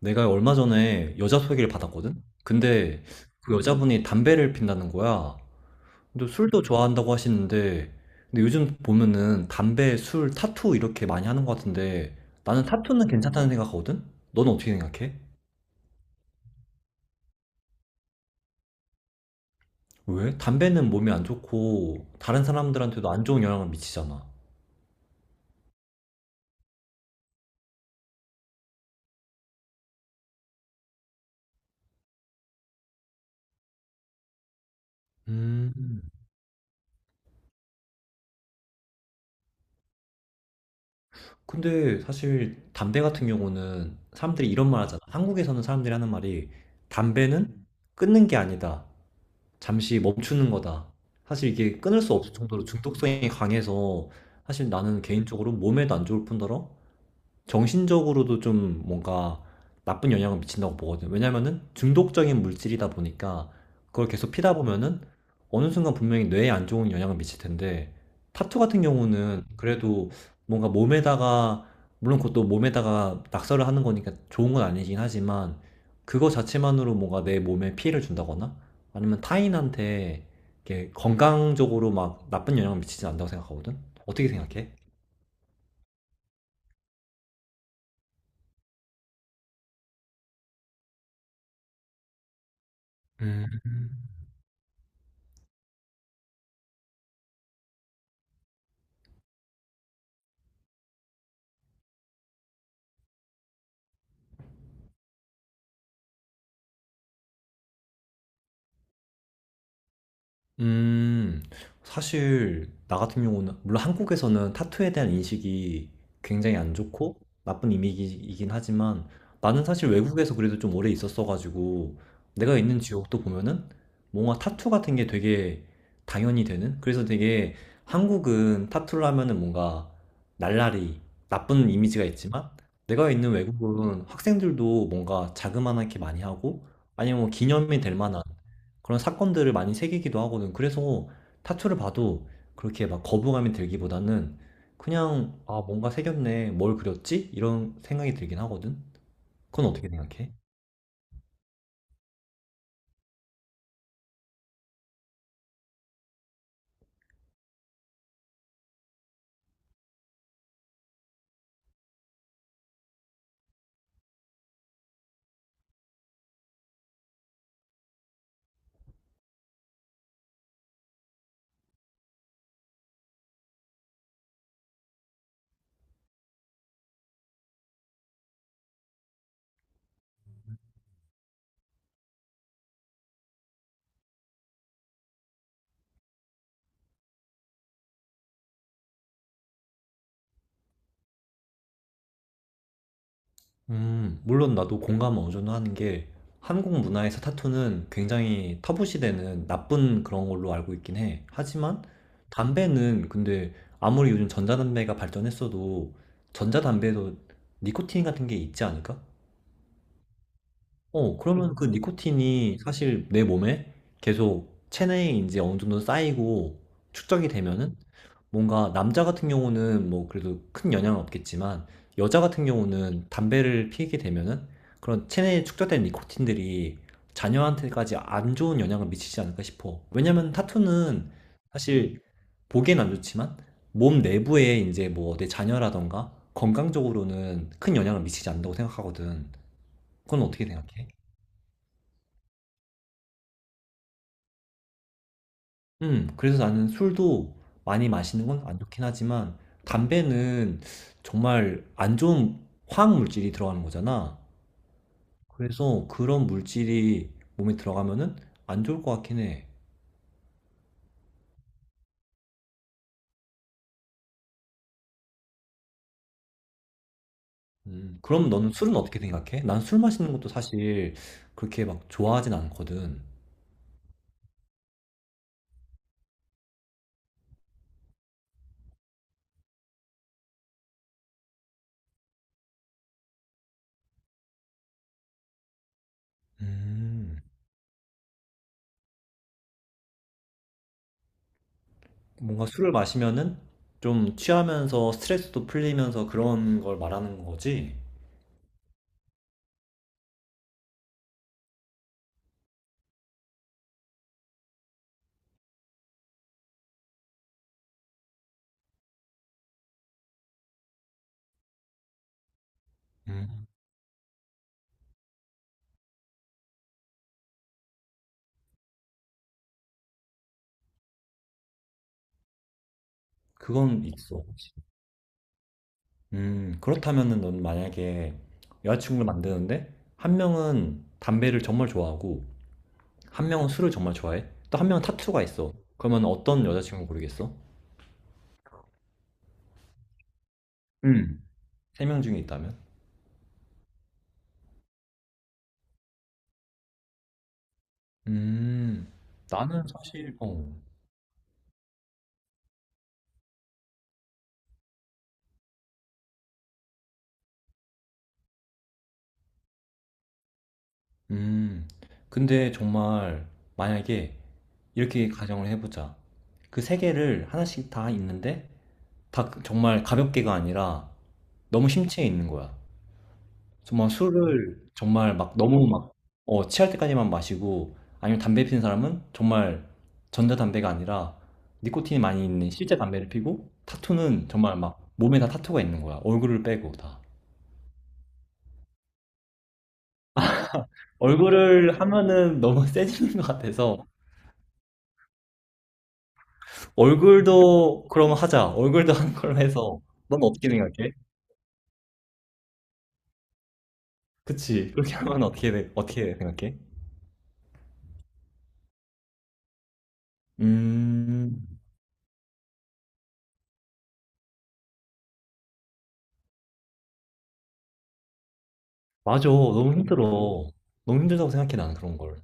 내가 얼마 전에 여자 소개를 받았거든? 근데 그 여자분이 담배를 핀다는 거야. 근데 술도 좋아한다고 하시는데, 근데 요즘 보면은 담배, 술, 타투 이렇게 많이 하는 것 같은데, 나는 타투는 괜찮다는 생각하거든? 너는 어떻게 생각해? 왜? 담배는 몸에 안 좋고, 다른 사람들한테도 안 좋은 영향을 미치잖아. 음. 근데 사실 담배 같은 경우는 사람들이 이런 말 하잖아. 한국에서는 사람들이 하는 말이 담배는 끊는 게 아니다. 잠시 멈추는 거다. 사실 이게 끊을 수 없을 정도로 중독성이 강해서 사실 나는 개인적으로 몸에도 안 좋을 뿐더러 정신적으로도 좀 뭔가 나쁜 영향을 미친다고 보거든요. 왜냐면은 중독적인 물질이다 보니까 그걸 계속 피다 보면은 어느 순간 분명히 뇌에 안 좋은 영향을 미칠 텐데 타투 같은 경우는 그래도 뭔가 몸에다가 물론 그것도 몸에다가 낙서를 하는 거니까 좋은 건 아니긴 하지만 그거 자체만으로 뭔가 내 몸에 피해를 준다거나 아니면 타인한테 이렇게 건강적으로 막 나쁜 영향을 미치진 않다고 생각하거든. 어떻게 생각해? 음. 음. 사실 나 같은 경우는 물론 한국에서는 타투에 대한 인식이 굉장히 안 좋고 나쁜 이미지이긴 하지만 나는 사실 외국에서 그래도 좀 오래 있었어가지고 내가 있는 지역도 보면은 뭔가 타투 같은 게 되게 당연히 되는 그래서 되게 한국은 타투를 하면은 뭔가 날라리 나쁜 이미지가 있지만 내가 있는 외국은 학생들도 뭔가 자그만하게 많이 하고 아니면 뭐 기념이 될 만한 그런 사건들을 많이 새기기도 하거든. 그래서 타투를 봐도 그렇게 막 거부감이 들기보다는 그냥 아, 뭔가 새겼네. 뭘 그렸지? 이런 생각이 들긴 하거든. 그건 어떻게 생각해? 물론 나도 공감은 어느 정도 하는 게 한국 문화에서 타투는 굉장히 터부시되는 나쁜 그런 걸로 알고 있긴 해. 하지만 담배는 근데 아무리 요즘 전자담배가 발전했어도 전자담배도 니코틴 같은 게 있지 않을까? 그러면 그 니코틴이 사실 내 몸에 계속 체내에 이제 어느 정도 쌓이고 축적이 되면은 뭔가 남자 같은 경우는 뭐 그래도 큰 영향은 없겠지만 여자 같은 경우는 담배를 피게 되면은 그런 체내에 축적된 니코틴들이 자녀한테까지 안 좋은 영향을 미치지 않을까 싶어. 왜냐면 타투는 사실 보기엔 안 좋지만 몸 내부에 이제 뭐 내 자녀라던가 건강적으로는 큰 영향을 미치지 않는다고 생각하거든. 그건 어떻게 생각해? 그래서 나는 술도 많이 마시는 건 안 좋긴 하지만 담배는 정말 안 좋은 화학 물질이 들어가는 거잖아. 그래서 그런 물질이 몸에 들어가면은 안 좋을 것 같긴 해. 그럼 너는 술은 어떻게 생각해? 난 술 마시는 것도 사실 그렇게 막 좋아하진 않거든. 음, 뭔가 술을 마시면은 좀 취하면서 스트레스도 풀리면서 그런 걸 말하는 거지. 음, 그건 있어. 그렇다면은 넌 만약에 여자친구를 만드는데 한 명은 담배를 정말 좋아하고 한 명은 술을 정말 좋아해. 또 한 명은 타투가 있어. 그러면 어떤 여자친구 고르겠어? 음. 세 명 중에 있다면? 음, 나는 사실, 어, 음, 근데 정말 만약에 이렇게 가정을 해보자. 그 세 개를 하나씩 다 있는데 다 정말 가볍게가 아니라 너무 심취해 있는 거야. 정말 술을 정말 막 너무 막 취할 때까지만 마시고 아니면 담배 피는 사람은 정말 전자담배가 아니라 니코틴이 많이 있는 실제 담배를 피고 타투는 정말 막 몸에 다 타투가 있는 거야. 얼굴을 빼고 다. 얼굴을 하면은 너무 세지는 것 같아서 얼굴도 그럼 하자. 얼굴도 하는 걸로 해서 넌 어떻게 생각해? 그치. 그렇게 하면 어떻게, 어떻게 생각해? 음, 맞아. 너무 힘들어. 너무 힘들다고 생각해, 나는 그런 걸.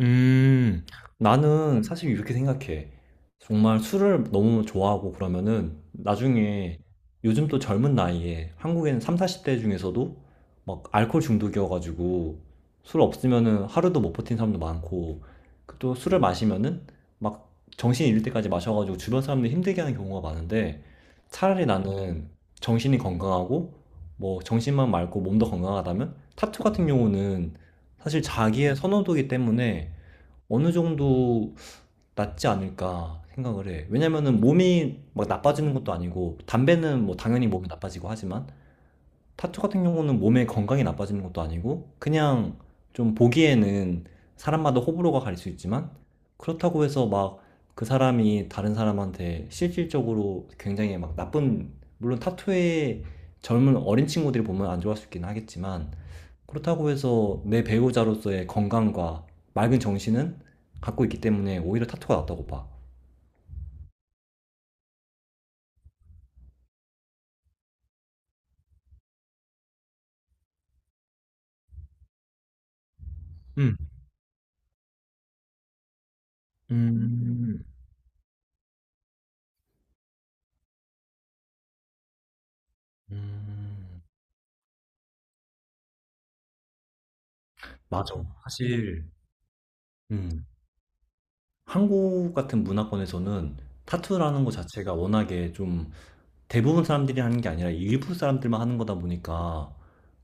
음, 나는 사실 이렇게 생각해. 정말 술을 너무 좋아하고 그러면은 나중에 요즘 또 젊은 나이에 한국에는 3, 40대 중에서도 막 알코올 중독이어가지고 술 없으면은 하루도 못 버틴 사람도 많고 그또 술을 마시면은 막 정신이 잃을 때까지 마셔가지고 주변 사람들 힘들게 하는 경우가 많은데 차라리 나는 정신이 건강하고 뭐 정신만 맑고 몸도 건강하다면 타투 같은 경우는 사실 자기의 선호도이기 때문에 어느 정도 낫지 않을까 생각을 해. 왜냐면은 몸이 막 나빠지는 것도 아니고, 담배는 뭐 당연히 몸이 나빠지고 하지만, 타투 같은 경우는 몸의 건강이 나빠지는 것도 아니고, 그냥 좀 보기에는 사람마다 호불호가 갈릴 수 있지만, 그렇다고 해서 막 그 사람이 다른 사람한테 실질적으로 굉장히 막 나쁜, 물론 타투에 젊은 어린 친구들이 보면 안 좋아할 수 있긴 하겠지만, 그렇다고 해서 내 배우자로서의 건강과 맑은 정신은 갖고 있기 때문에 오히려 타투가 낫다고 봐. 음, 음, 음, 맞아. 사실, 음, 한국 같은 문화권에서는 타투라는 것 자체가 워낙에 좀 대부분 사람들이 하는 게 아니라 일부 사람들만 하는 거다 보니까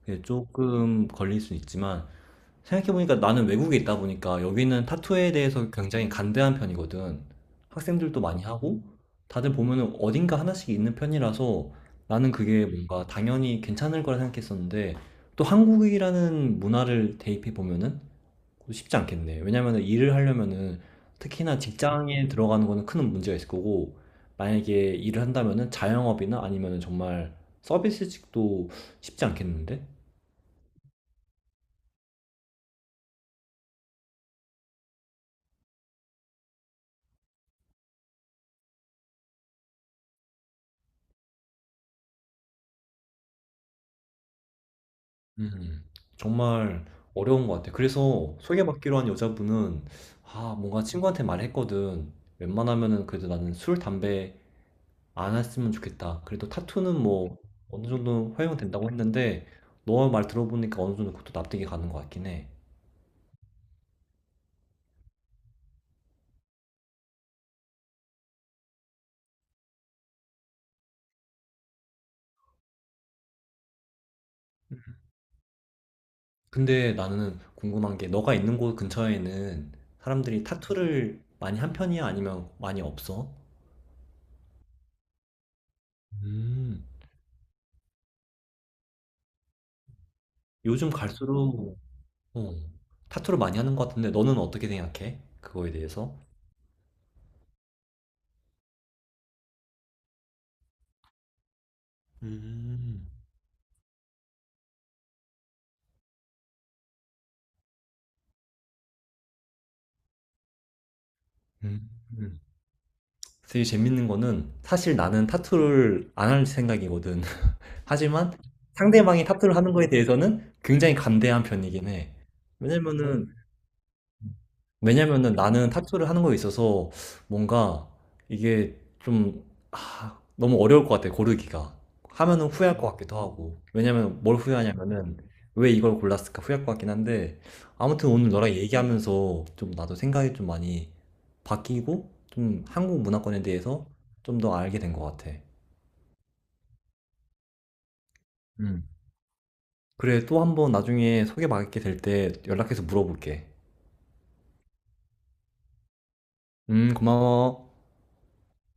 그게 조금 걸릴 수 있지만 생각해보니까 나는 외국에 있다 보니까 여기는 타투에 대해서 굉장히 간대한 편이거든. 학생들도 많이 하고, 다들 보면은 어딘가 하나씩 있는 편이라서 나는 그게 뭔가 당연히 괜찮을 거라 생각했었는데, 또 한국이라는 문화를 대입해 보면은 쉽지 않겠네. 왜냐면은 일을 하려면은 특히나 직장에 들어가는 거는 큰 문제가 있을 거고, 만약에 일을 한다면은 자영업이나 아니면은 정말 서비스직도 쉽지 않겠는데? 음. 정말 어려운 것 같아. 그래서 소개받기로 한 여자분은 아, 뭔가 친구한테 말했거든. 웬만하면은 그래도 나는 술, 담배 안 했으면 좋겠다. 그래도 타투는 뭐 어느 정도 허용된다고 했는데 너 말 들어보니까 어느 정도 그것도 납득이 가는 것 같긴 해. 근데 나는 궁금한 게 너가 있는 곳 근처에는 사람들이 타투를 많이 한 편이야? 아니면 많이 없어? 음. 요즘 갈수록 어, 타투를 많이 하는 것 같은데 너는 어떻게 생각해? 그거에 대해서? 음, 음, 음. 되게 재밌는 거는 사실 나는 타투를 안 할 생각이거든. 하지만 상대방이 타투를 하는 거에 대해서는 굉장히 간대한 편이긴 해. 왜냐면은 나는 타투를 하는 거에 있어서 뭔가 이게 좀, 아, 너무 어려울 것 같아, 고르기가. 하면은 후회할 것 같기도 하고. 왜냐면 뭘 후회하냐면은 왜 이걸 골랐을까 후회할 것 같긴 한데 아무튼 오늘 너랑 얘기하면서 좀 나도 생각이 좀 많이 바뀌고 좀 한국 문화권에 대해서 좀 더 알게 된 것 같아. 음. 그래, 또 한번 나중에 소개받게 될 때 연락해서 물어볼게. 고마워.